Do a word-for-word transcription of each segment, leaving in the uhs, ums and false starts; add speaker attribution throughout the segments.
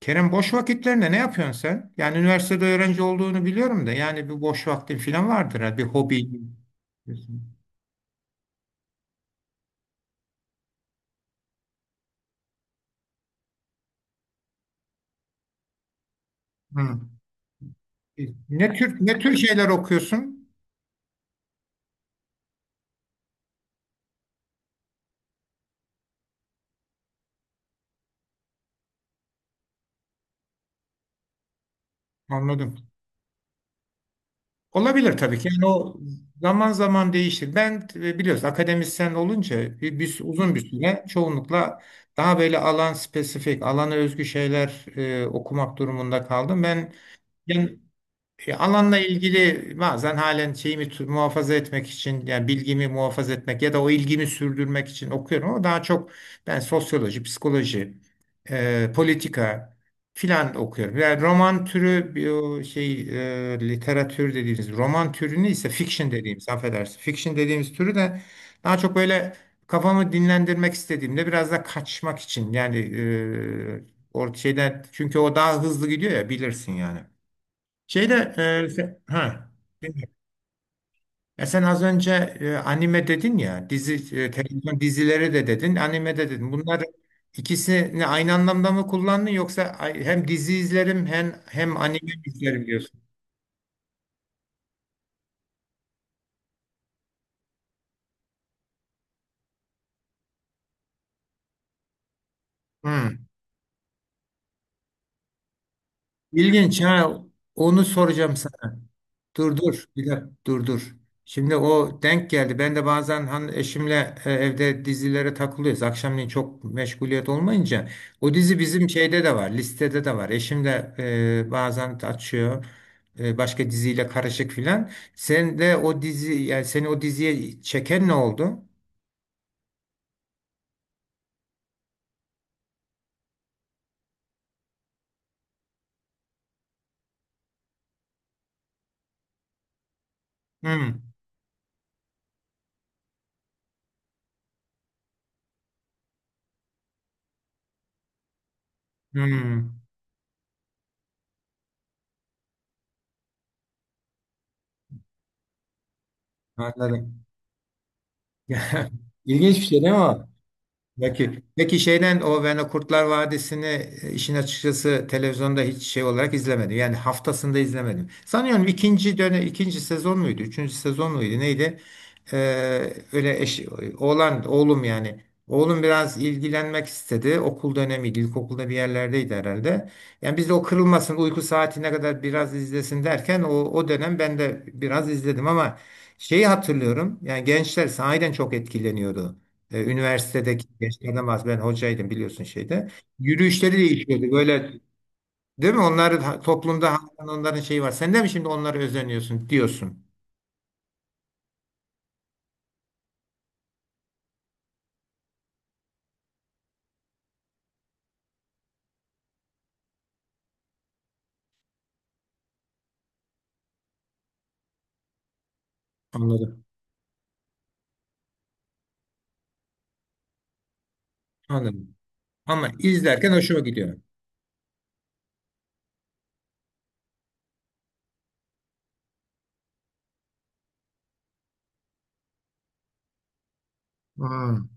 Speaker 1: Kerem, boş vakitlerinde ne yapıyorsun sen? Yani üniversitede öğrenci olduğunu biliyorum da yani bir boş vaktin falan vardır, ha bir hobi. Hı. Ne tür ne tür şeyler okuyorsun? Anladım. Olabilir tabii ki. Yani o zaman zaman değişir. Ben e, biliyorsun, akademisyen olunca bir, bir- uzun bir süre çoğunlukla daha böyle alan spesifik, alana özgü şeyler e, okumak durumunda kaldım. Ben, ben E, alanla ilgili bazen halen şeyimi tu- muhafaza etmek için, yani bilgimi muhafaza etmek ya da o ilgimi sürdürmek için okuyorum, ama daha çok ben sosyoloji, psikoloji, e, politika filan okuyorum. Yani roman türü bir o şey, e, literatür dediğimiz roman türünü, ise fiction dediğimiz, affedersin. Fiction dediğimiz türü de daha çok böyle kafamı dinlendirmek istediğimde, biraz da kaçmak için, yani e, or şeyden, çünkü o daha hızlı gidiyor ya, bilirsin yani. Şeyde, e, sen- ha. Ya sen az önce e, anime dedin ya, dizi, e, televizyon dizileri de dedin, anime de dedin. Bunlar ikisini aynı anlamda mı kullandın, yoksa ay- hem dizi izlerim, hem hem anime izlerim diyorsun? Hmm. İlginç, ha. Onu soracağım sana. Dur dur, bir dakika, dur dur. Şimdi o denk geldi. Ben de bazen hani eşimle e, evde dizilere takılıyoruz. Akşamleyin çok meşguliyet olmayınca. O dizi bizim şeyde de var, listede de var. Eşim de e, bazen açıyor. e, başka diziyle karışık filan. Sen de o dizi, yani seni o diziye çeken ne oldu? Hmm, hmm, anladım. İlginç bir şey değil mi o? Peki, peki, şeyden o, ben o Kurtlar Vadisi'ni, e, işin açıkçası televizyonda hiç şey olarak izlemedim. Yani haftasında izlemedim. Sanıyorum ikinci dönem, ikinci sezon muydu? Üçüncü sezon muydu? Neydi? Ee, öyle eş, oğlan, oğlum yani. Oğlum biraz ilgilenmek istedi. Okul dönemiydi. İlkokulda bir yerlerdeydi herhalde. Yani biz de o kırılmasın, uyku saatine kadar biraz izlesin derken o, o dönem ben de biraz izledim, ama şeyi hatırlıyorum. Yani gençler sahiden çok etkileniyordu. E, üniversitedeki gençlerden bahsediyorum. Ben hocaydım, biliyorsun şeyde. Yürüyüşleri değişiyordu. Böyle, değil mi? Onlar ha- toplumda hakikaten onların şeyi var. Sen de mi şimdi onlara özeniyorsun diyorsun. Anladım. Anladım. Ama izlerken hoşuma gidiyor. Hmm,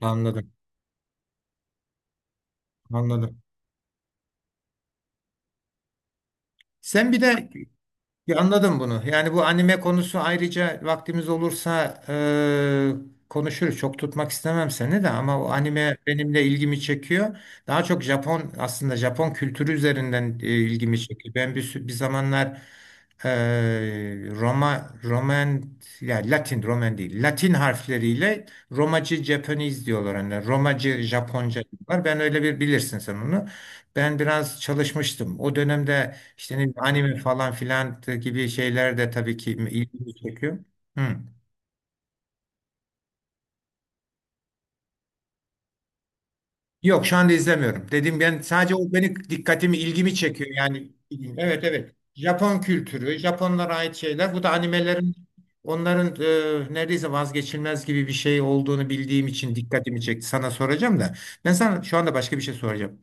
Speaker 1: anladım. Anladım. Sen bir de. Ya, anladım bunu. Yani bu anime konusu, ayrıca vaktimiz olursa eee, konuşuruz. Çok tutmak istemem seni de, ama o anime benimle ilgimi çekiyor. Daha çok Japon, aslında Japon kültürü üzerinden e, ilgimi çekiyor. Ben bir, sü- bir zamanlar eee Roma, Roman, ya Latin Roman değil. Latin harfleriyle Romacı Japanese diyorlar. Yani Romacı Japonca diyorlar. Ben öyle bir, bilirsin sen onu. Ben biraz çalışmıştım. O dönemde işte ne bileyim, anime falan filan gibi şeyler de tabii ki ilgimi çekiyor. Hı. Yok, şu anda izlemiyorum. Dedim, ben sadece o beni, dikkatimi, ilgimi çekiyor yani. Evet evet. Japon kültürü, Japonlara ait şeyler. Bu da animelerin, onların e, neredeyse vazgeçilmez gibi bir şey olduğunu bildiğim için dikkatimi çekti. Sana soracağım da. Ben sana şu anda başka bir şey soracağım.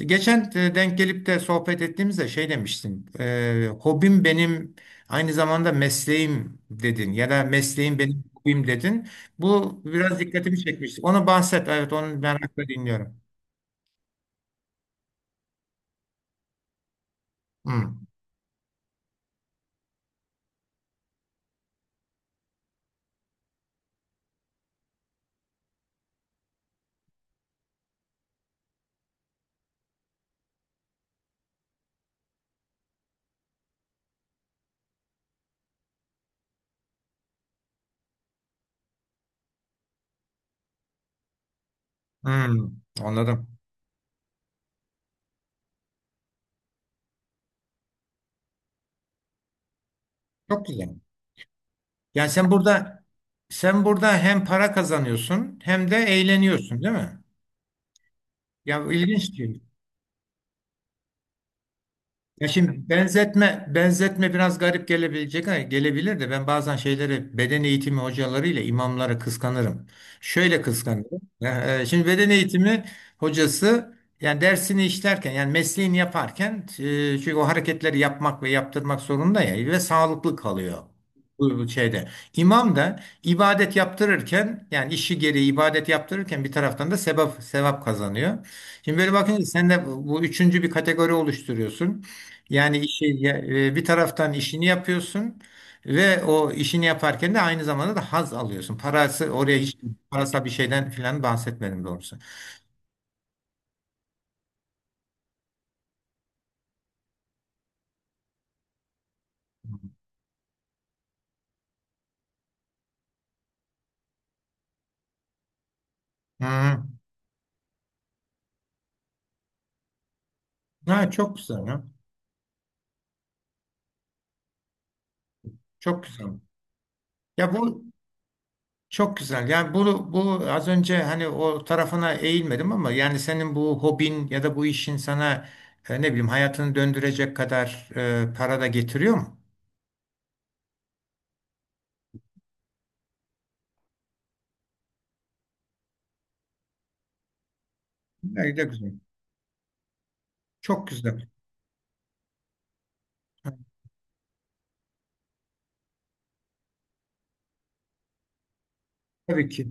Speaker 1: Geçen, e, denk gelip de sohbet ettiğimizde şey demiştin. E, hobim benim aynı zamanda mesleğim dedin, ya da mesleğim benim hobim dedin. Bu biraz dikkatimi çekmişti. Onu bahset. Evet, onu merakla dinliyorum. Hmm, hmm, anladım. Çok güzel. Yani sen burada sen burada hem para kazanıyorsun hem de eğleniyorsun, değil mi? Ya, ilginç. Ya şimdi, benzetme benzetme biraz garip gelebilecek, ha, gelebilir de, ben bazen şeyleri, beden eğitimi hocalarıyla imamları kıskanırım. Şöyle kıskanırım. Ya, e, Şimdi beden eğitimi hocası, yani dersini işlerken, yani mesleğini yaparken, e, çünkü o hareketleri yapmak ve yaptırmak zorunda ya, ve sağlıklı kalıyor. Bu bu şeyde. İmam da ibadet yaptırırken, yani işi gereği ibadet yaptırırken bir taraftan da sevap sevap kazanıyor. Şimdi böyle bakınca sen de bu, üçüncü bir kategori oluşturuyorsun. Yani işi ya- e, bir taraftan işini yapıyorsun, ve o işini yaparken de aynı zamanda da haz alıyorsun. Parası oraya hiç, parasal bir şeyden filan bahsetmedim doğrusu. Hmm. Ha, çok güzel ya. Çok güzel. Ya bu çok güzel. Yani bu bu az önce hani o tarafına eğilmedim ama, yani senin bu hobin ya da bu işin sana, e, ne bileyim, hayatını döndürecek kadar e, para da getiriyor mu? Ne de güzel. Çok güzel. Tabii ki.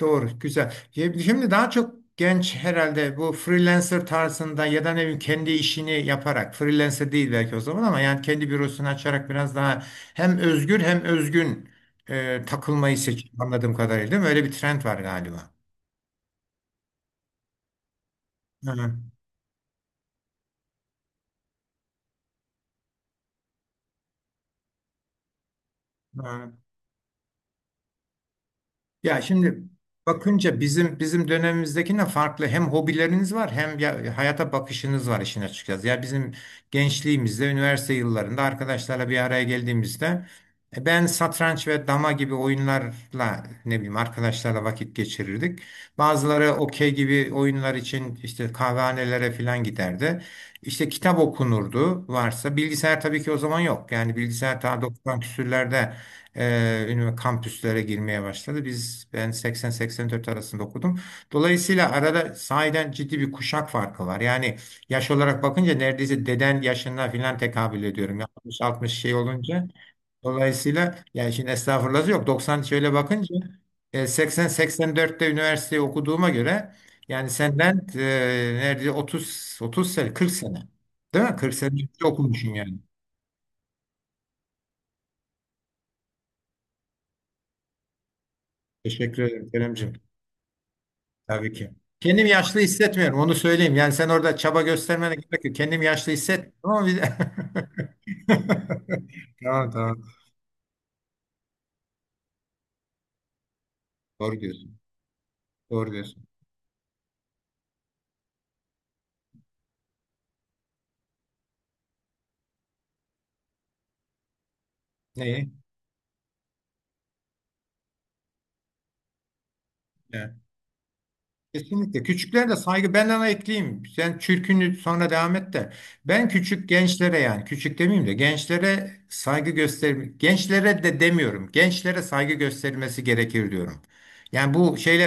Speaker 1: Doğru, güzel. Ye- Şimdi daha çok genç herhalde, bu freelancer tarzında ya da ne bileyim kendi işini yaparak, freelancer değil belki o zaman, ama yani kendi bürosunu açarak biraz daha hem özgür hem özgün, e, takılmayı seçiyor anladığım kadarıyla, değil mi? Öyle bir trend var galiba. Hı, hı. Ya şimdi bakınca, bizim bizim dönemimizdekine farklı hem hobileriniz var, hem ya hayata bakışınız var, işin açıkçası. Ya bizim gençliğimizde, üniversite yıllarında arkadaşlarla bir araya geldiğimizde, e, ben satranç ve dama gibi oyunlarla, ne bileyim, arkadaşlarla vakit geçirirdik. Bazıları okey gibi oyunlar için işte kahvehanelere falan giderdi. İşte kitap okunurdu, varsa bilgisayar, tabii ki o zaman yok. Yani bilgisayar ta doksan küsürlerde ee, ünivers- kampüslere girmeye başladı. Biz ben seksen seksen dört arasında okudum. Dolayısıyla arada sahiden ciddi bir kuşak farkı var. Yani yaş olarak bakınca neredeyse deden yaşına filan tekabül ediyorum. altmış altmış şey olunca. Dolayısıyla, yani şimdi estağfurullah yok, doksan şöyle bakınca, e, seksen seksen dörtte üniversiteyi okuduğuma göre, yani senden, e, neredeyse otuz otuz sene, kırk sene. Değil mi? kırk sene önce okumuşsun yani. Teşekkür ederim Keremciğim. Tabii ki. Kendim yaşlı hissetmiyorum, onu söyleyeyim. Yani sen orada çaba göstermene gerek yok. Kendim yaşlı hissetmiyorum ama biz... Tamam tamam. Doğru diyorsun. Doğru diyorsun. Neyi? Kesinlikle. Küçüklere de saygı. Ben ona ekleyeyim. Sen çürkünü sonra devam et de. Ben küçük gençlere, yani küçük demeyeyim de, gençlere saygı göster. Gençlere de demiyorum. Gençlere saygı gösterilmesi gerekir diyorum. Yani bu şeyle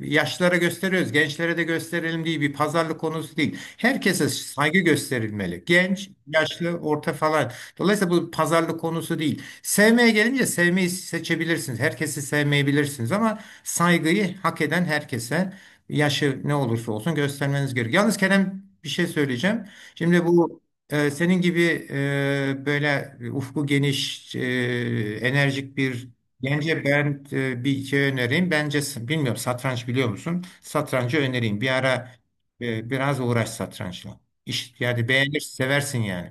Speaker 1: e, yaşlara gösteriyoruz, gençlere de gösterelim diye bir pazarlık konusu değil. Herkese saygı gösterilmeli. Genç, yaşlı, orta falan. Dolayısıyla bu pazarlık konusu değil. Sevmeye gelince, sevmeyi seçebilirsiniz. Herkesi sevmeyebilirsiniz ama saygıyı hak eden herkese, yaşı ne olursa olsun göstermeniz gerekiyor. Yalnız Kerem, bir şey söyleyeceğim. Şimdi bu, e, senin gibi, e, böyle ufku geniş, e, enerjik bir gence ben e, bir şey önereyim. Bence s- bilmiyorum, satranç biliyor musun? Satrancı önereyim. Bir ara e, biraz uğraş satrançla. İş, yani beğenir, seversin yani.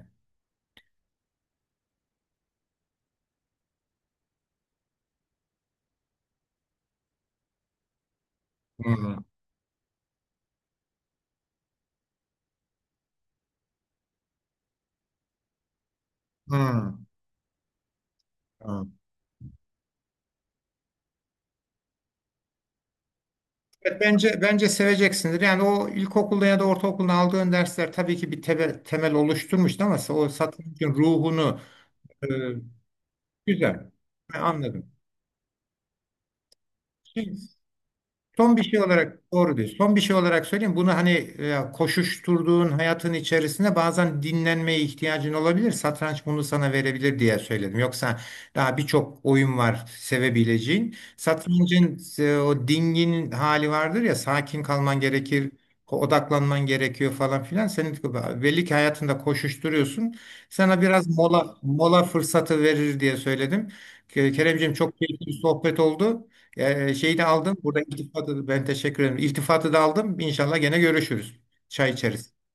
Speaker 1: Hmm. Hmm. Evet, Bence bence seveceksindir. Yani o ilkokulda ya da ortaokulda aldığın dersler tabii ki bir tebe- temel oluşturmuştu, ama o satrançın ruhunu e, güzel. Ben anladım. Şimdi. Son bir şey olarak, doğru diyorsun. Son bir şey olarak söyleyeyim. Bunu hani e, koşuşturduğun hayatın içerisinde bazen dinlenmeye ihtiyacın olabilir. Satranç bunu sana verebilir diye söyledim. Yoksa daha birçok oyun var sevebileceğin. Satrancın e, o dingin hali vardır ya, sakin kalman gerekir. ko- odaklanman gerekiyor falan filan. Senin belli ki hayatında koşuşturuyorsun. Sana biraz mola mola fırsatı verir diye söyledim. Ke- Keremciğim, çok keyifli bir sohbet oldu. Ee, şeyi de aldım. Burada iltifatı ben, teşekkür ederim. İltifatı da aldım. İnşallah gene görüşürüz. Çay içeriz.